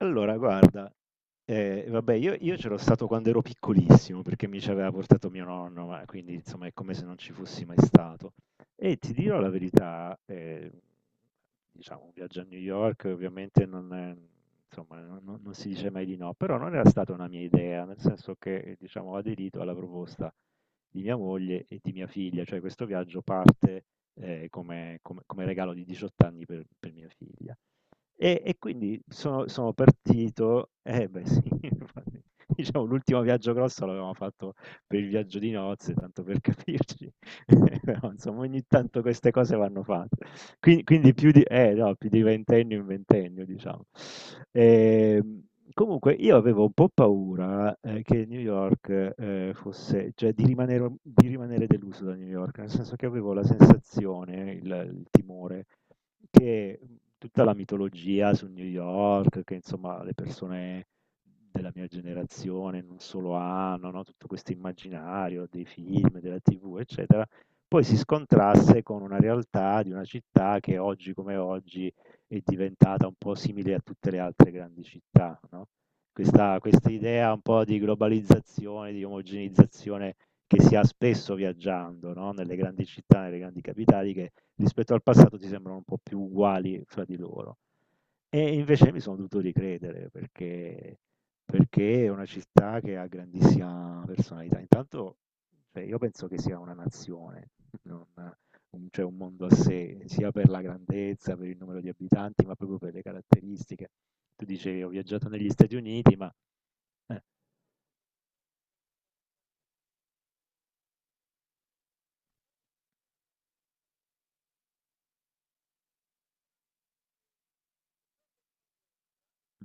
Allora, guarda, vabbè, io c'ero stato quando ero piccolissimo perché mi ci aveva portato mio nonno, ma quindi insomma è come se non ci fossi mai stato. E ti dirò la verità, diciamo, un viaggio a New York ovviamente non è- insomma, non si dice mai di no, però non era stata una mia idea, nel senso che diciamo, ho aderito alla proposta di mia moglie e di mia figlia, cioè questo viaggio parte come regalo di 18 anni per mia figlia. E quindi sono partito beh sì, infatti, diciamo l'ultimo viaggio grosso l'avevamo fatto per il viaggio di nozze, tanto per capirci, però insomma ogni tanto queste cose vanno fatte. Quindi più di no, più di ventennio in ventennio diciamo. Ehm, comunque io avevo un po' paura, che New York, fosse cioè di rimanere deluso da New York, nel senso che avevo la sensazione, il timore, che tutta la mitologia su New York, che insomma le persone della mia generazione non solo hanno, no? Tutto questo immaginario dei film, della TV, eccetera, poi si scontrasse con una realtà di una città che oggi come oggi è diventata un po' simile a tutte le altre grandi città, no? Questa idea un po' di globalizzazione, di omogenizzazione che si ha spesso viaggiando, no? Nelle grandi città, nelle grandi capitali, che rispetto al passato ti sembrano un po' più uguali fra di loro. E invece mi sono dovuto ricredere perché è una città che ha grandissima personalità. Intanto, cioè, io penso che sia una nazione, non un, cioè un mondo a sé, sia per la grandezza, per il numero di abitanti, ma proprio per le caratteristiche. Tu dicevi, ho viaggiato negli Stati Uniti, ma... eh,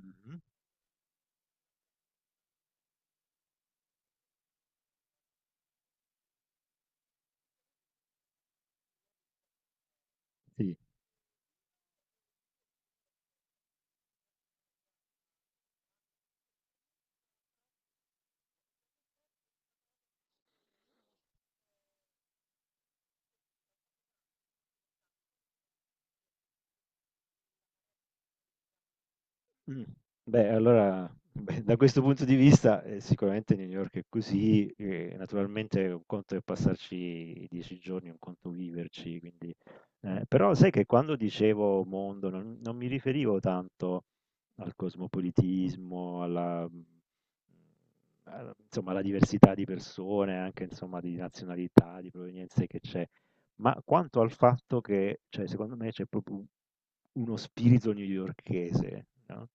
mhm, sì. Mh. Beh, allora, beh, da questo punto di vista, sicuramente New York è così, naturalmente un conto è passarci 10 giorni, un conto viverci, quindi però sai che quando dicevo mondo non mi riferivo tanto al cosmopolitismo, alla a insomma alla diversità di persone, anche insomma di nazionalità, di provenienze che c'è. Ma quanto al fatto che, cioè, secondo me c'è proprio uno spirito newyorchese, no?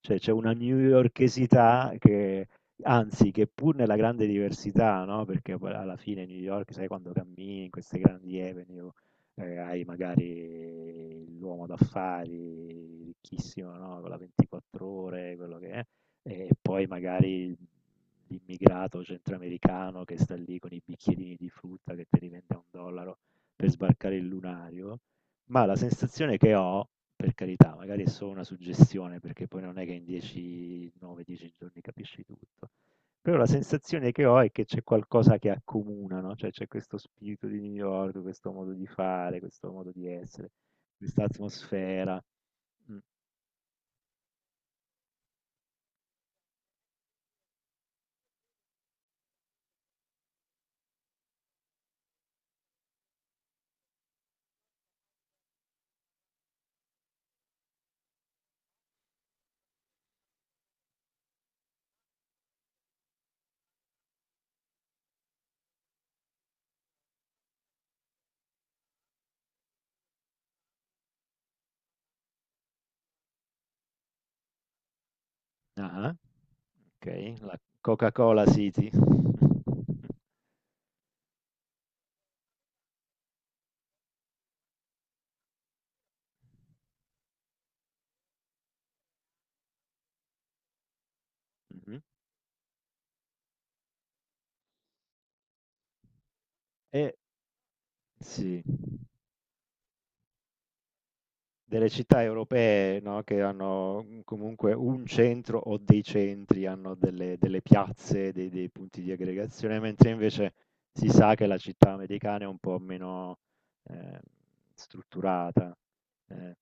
Cioè, c'è una newyorkesità che, anzi, che pur nella grande diversità, no? Perché poi alla fine New York, sai, quando cammini in queste grandi avenue, hai magari l'uomo d'affari ricchissimo, no? Con la 24 ore, quello che è, e poi magari l'immigrato centroamericano che sta lì con i bicchierini di frutta che ti rivende a un dollaro per sbarcare il lunario, ma la sensazione che ho, per carità, magari è solo una suggestione, perché poi non è che in 10, 9, 10 giorni capisci tutto, però la sensazione che ho è che c'è qualcosa che accomuna, no? Cioè c'è questo spirito di New York, questo modo di fare, questo modo di essere, questa atmosfera. Mm. Ah, ok, la Coca-Cola City. Mhm. E sì. Delle città europee, no, che hanno, comunque un centro o dei centri, hanno delle piazze, dei punti di aggregazione, mentre invece si sa che la città americana è un po' meno, ehm, strutturata. Eh.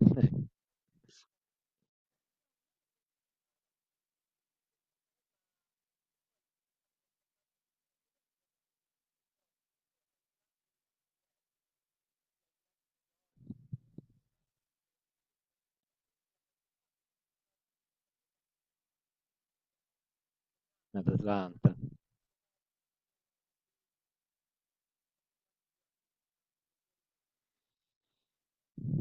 Ad Atlanta.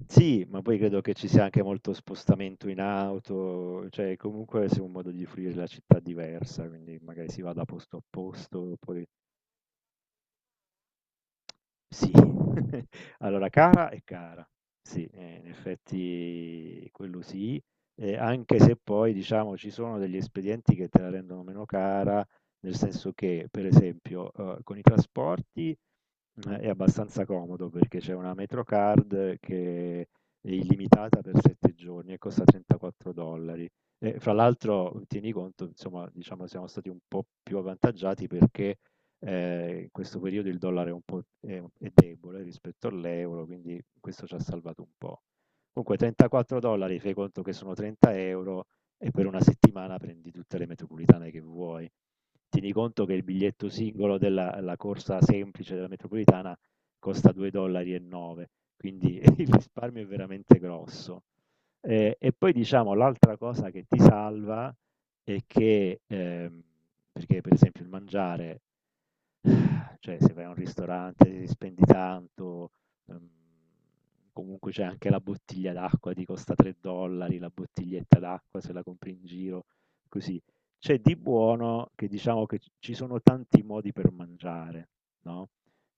Sì, ma poi credo che ci sia anche molto spostamento in auto, cioè comunque sia un modo di fruire la città diversa, quindi magari si va da posto a posto, poi sì, allora cara è cara, sì, in effetti quello sì, anche se poi diciamo ci sono degli espedienti che te la rendono meno cara, nel senso che per esempio con i trasporti è abbastanza comodo perché c'è una Metrocard che è illimitata per 7 giorni e costa 34 dollari. E fra l'altro tieni conto, insomma, diciamo siamo stati un po' più avvantaggiati perché in questo periodo il dollaro è un po' è debole rispetto all'euro, quindi questo ci ha salvato un po'. Comunque 34 dollari, fai conto che sono 30 euro e per una settimana prendi tutte le metropolitane che vuoi. Tieni conto che il biglietto singolo della la corsa semplice della metropolitana costa 2,9 dollari, e nove, quindi il risparmio è veramente grosso. E poi diciamo l'altra cosa che ti salva e che perché per esempio il mangiare, cioè se vai a un ristorante spendi tanto, ehm, comunque c'è anche la bottiglia d'acqua, ti costa 3 dollari la bottiglietta d'acqua se la compri in giro, così. C'è di buono che diciamo che ci sono tanti modi per mangiare, no?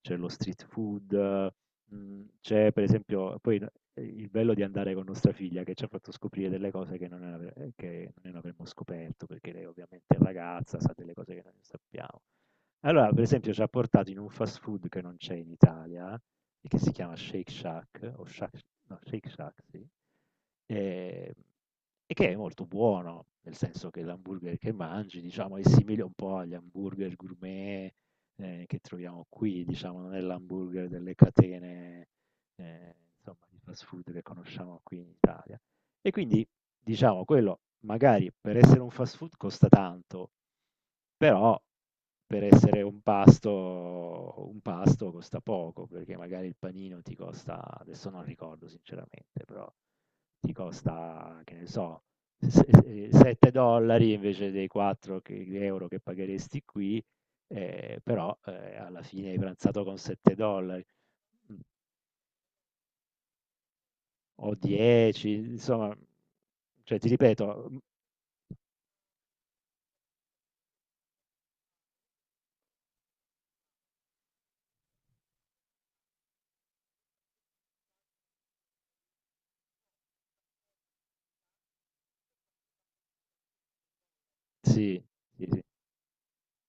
C'è lo street food. C'è per esempio poi n il bello di andare con nostra figlia che ci ha fatto scoprire delle cose che non ave che non avremmo scoperto, perché lei ovviamente è ragazza, sa delle cose che noi non sappiamo. Allora, per esempio, ci ha portato in un fast food che non c'è in Italia e che si chiama Shake Shack o Shack no, Shake Shack, sì, ehm, e che è molto buono, nel senso che l'hamburger che mangi, diciamo, è simile un po' agli hamburger gourmet, che troviamo qui, diciamo, non è l'hamburger delle catene, insomma, di fast food che conosciamo qui in Italia. E quindi, diciamo, quello magari per essere un fast food costa tanto, però per essere un pasto costa poco, perché magari il panino ti costa, adesso non ricordo sinceramente, però ti costa, che ne so, 7 dollari invece dei 4 euro che pagheresti qui, però alla fine hai pranzato con 7 dollari mm, o 10, insomma, cioè ti ripeto, sì, sì, sì.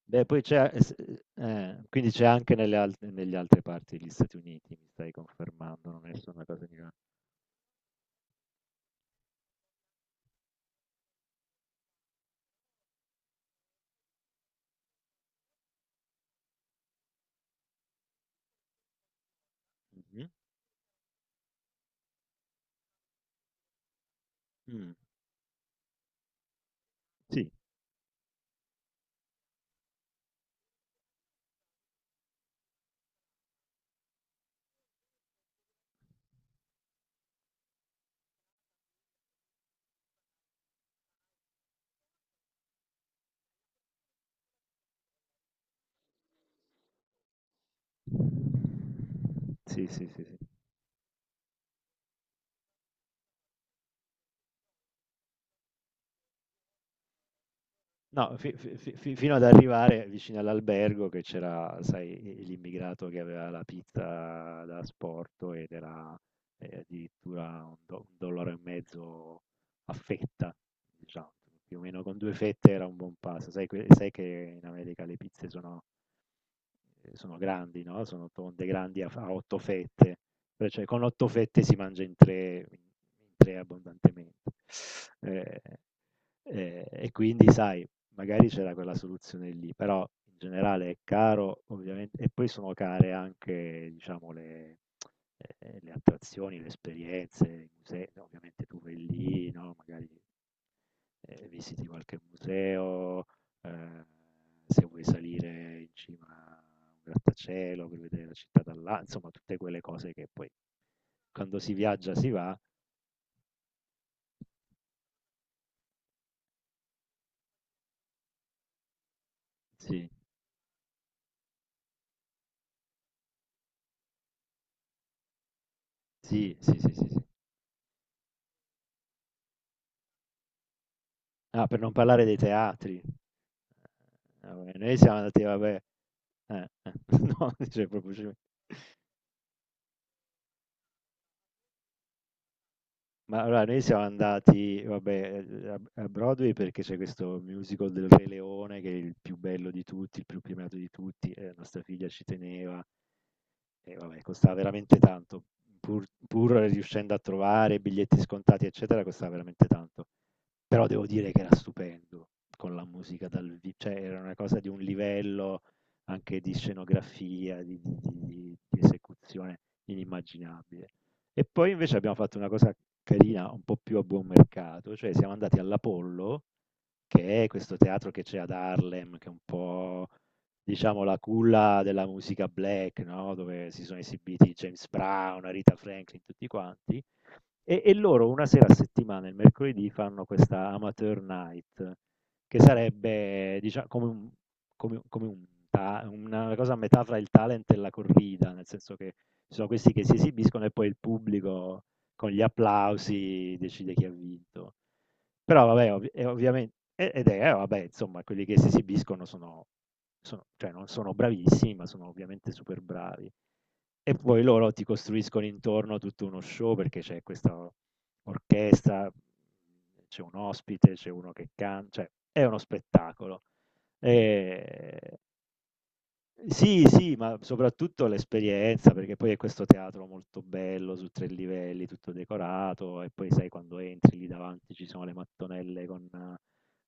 Beh, poi c'è e s quindi c'è anche nelle alt negli altre parti degli Stati Uniti, mi stai confermando, non è solo una cosa di là. Mh-mh. Mh. Sì, sì, sì, sì, sì. No, fi fi fi fi fino ad arrivare vicino all'albergo che c'era, sai, l'immigrato che aveva la pizza da asporto ed era, addirittura un dollaro e mezzo a fetta, diciamo, più o meno con 2 fette era un buon pasto. Sai che in America le pizze sono sono grandi, no, sono tonde, grandi a 8 fette, però cioè con 8 fette si mangia in 3 in 3 abbondantemente. Ehm, e quindi sai, magari c'era quella soluzione lì, però in generale è caro ovviamente e poi sono care anche diciamo le attrazioni, le esperienze, i musei, ovviamente tu vai lì, no, magari, visiti qualche museo. Ehm, se vuoi salire in cima a un grattacielo per vedere la città da là, insomma tutte quelle cose che poi quando si viaggia si va. Sì, sì, sì, sì, sì, sì. Ah, per non parlare dei teatri. Vabbè, noi siamo andati, vabbè, eh, eh, no, cioè, proprio, ma allora noi siamo andati, vabbè, a Broadway perché c'è questo musical del Re Leone che è il più bello di tutti, il più premiato di tutti, nostra figlia ci teneva. E vabbè, costava veramente tanto, pur riuscendo a trovare biglietti scontati, eccetera, costava veramente tanto. Però devo dire che era stupendo con la musica dal vi cioè era una cosa di un livello anche di scenografia, di esecuzione inimmaginabile. E poi invece abbiamo fatto una cosa carina, un po' più a buon mercato, cioè siamo andati all'Apollo, che è questo teatro che c'è ad Harlem, che è un po' diciamo la culla della musica black, no, dove si sono esibiti James Brown, Aretha Franklin, tutti quanti, e loro una sera a settimana, il mercoledì, fanno questa amateur night, che sarebbe, diciamo, come un, come, una cosa a metà fra il talent e la corrida, nel senso che ci sono questi che si esibiscono e poi il pubblico con gli applausi decide chi ha vinto. Però vabbè, ovviamente, ed è, vabbè, insomma, quelli che si esibiscono sono, cioè non sono bravissimi, ma sono ovviamente super bravi. E poi loro ti costruiscono intorno tutto uno show perché c'è questa orchestra, c'è un ospite, c'è uno che canta, cioè è uno spettacolo. E sì, sì, ma soprattutto l'esperienza, perché poi è questo teatro molto bello su tre livelli, tutto decorato, e poi sai quando entri lì davanti ci sono le mattonelle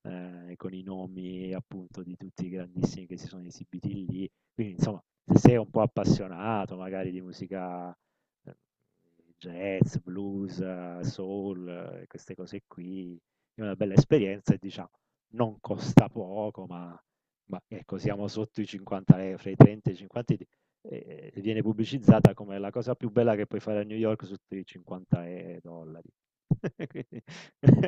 con i nomi appunto di tutti i grandissimi che si sono esibiti lì. Quindi insomma, se sei un po' appassionato magari di musica eh, jazz, blues, soul, queste cose qui, è una bella esperienza e diciamo non costa poco, ma ecco, siamo sotto i 50 e fra i 30 e i 50 e viene pubblicizzata come la cosa più bella che puoi fare a New York sotto i 50 e dollari. Quindi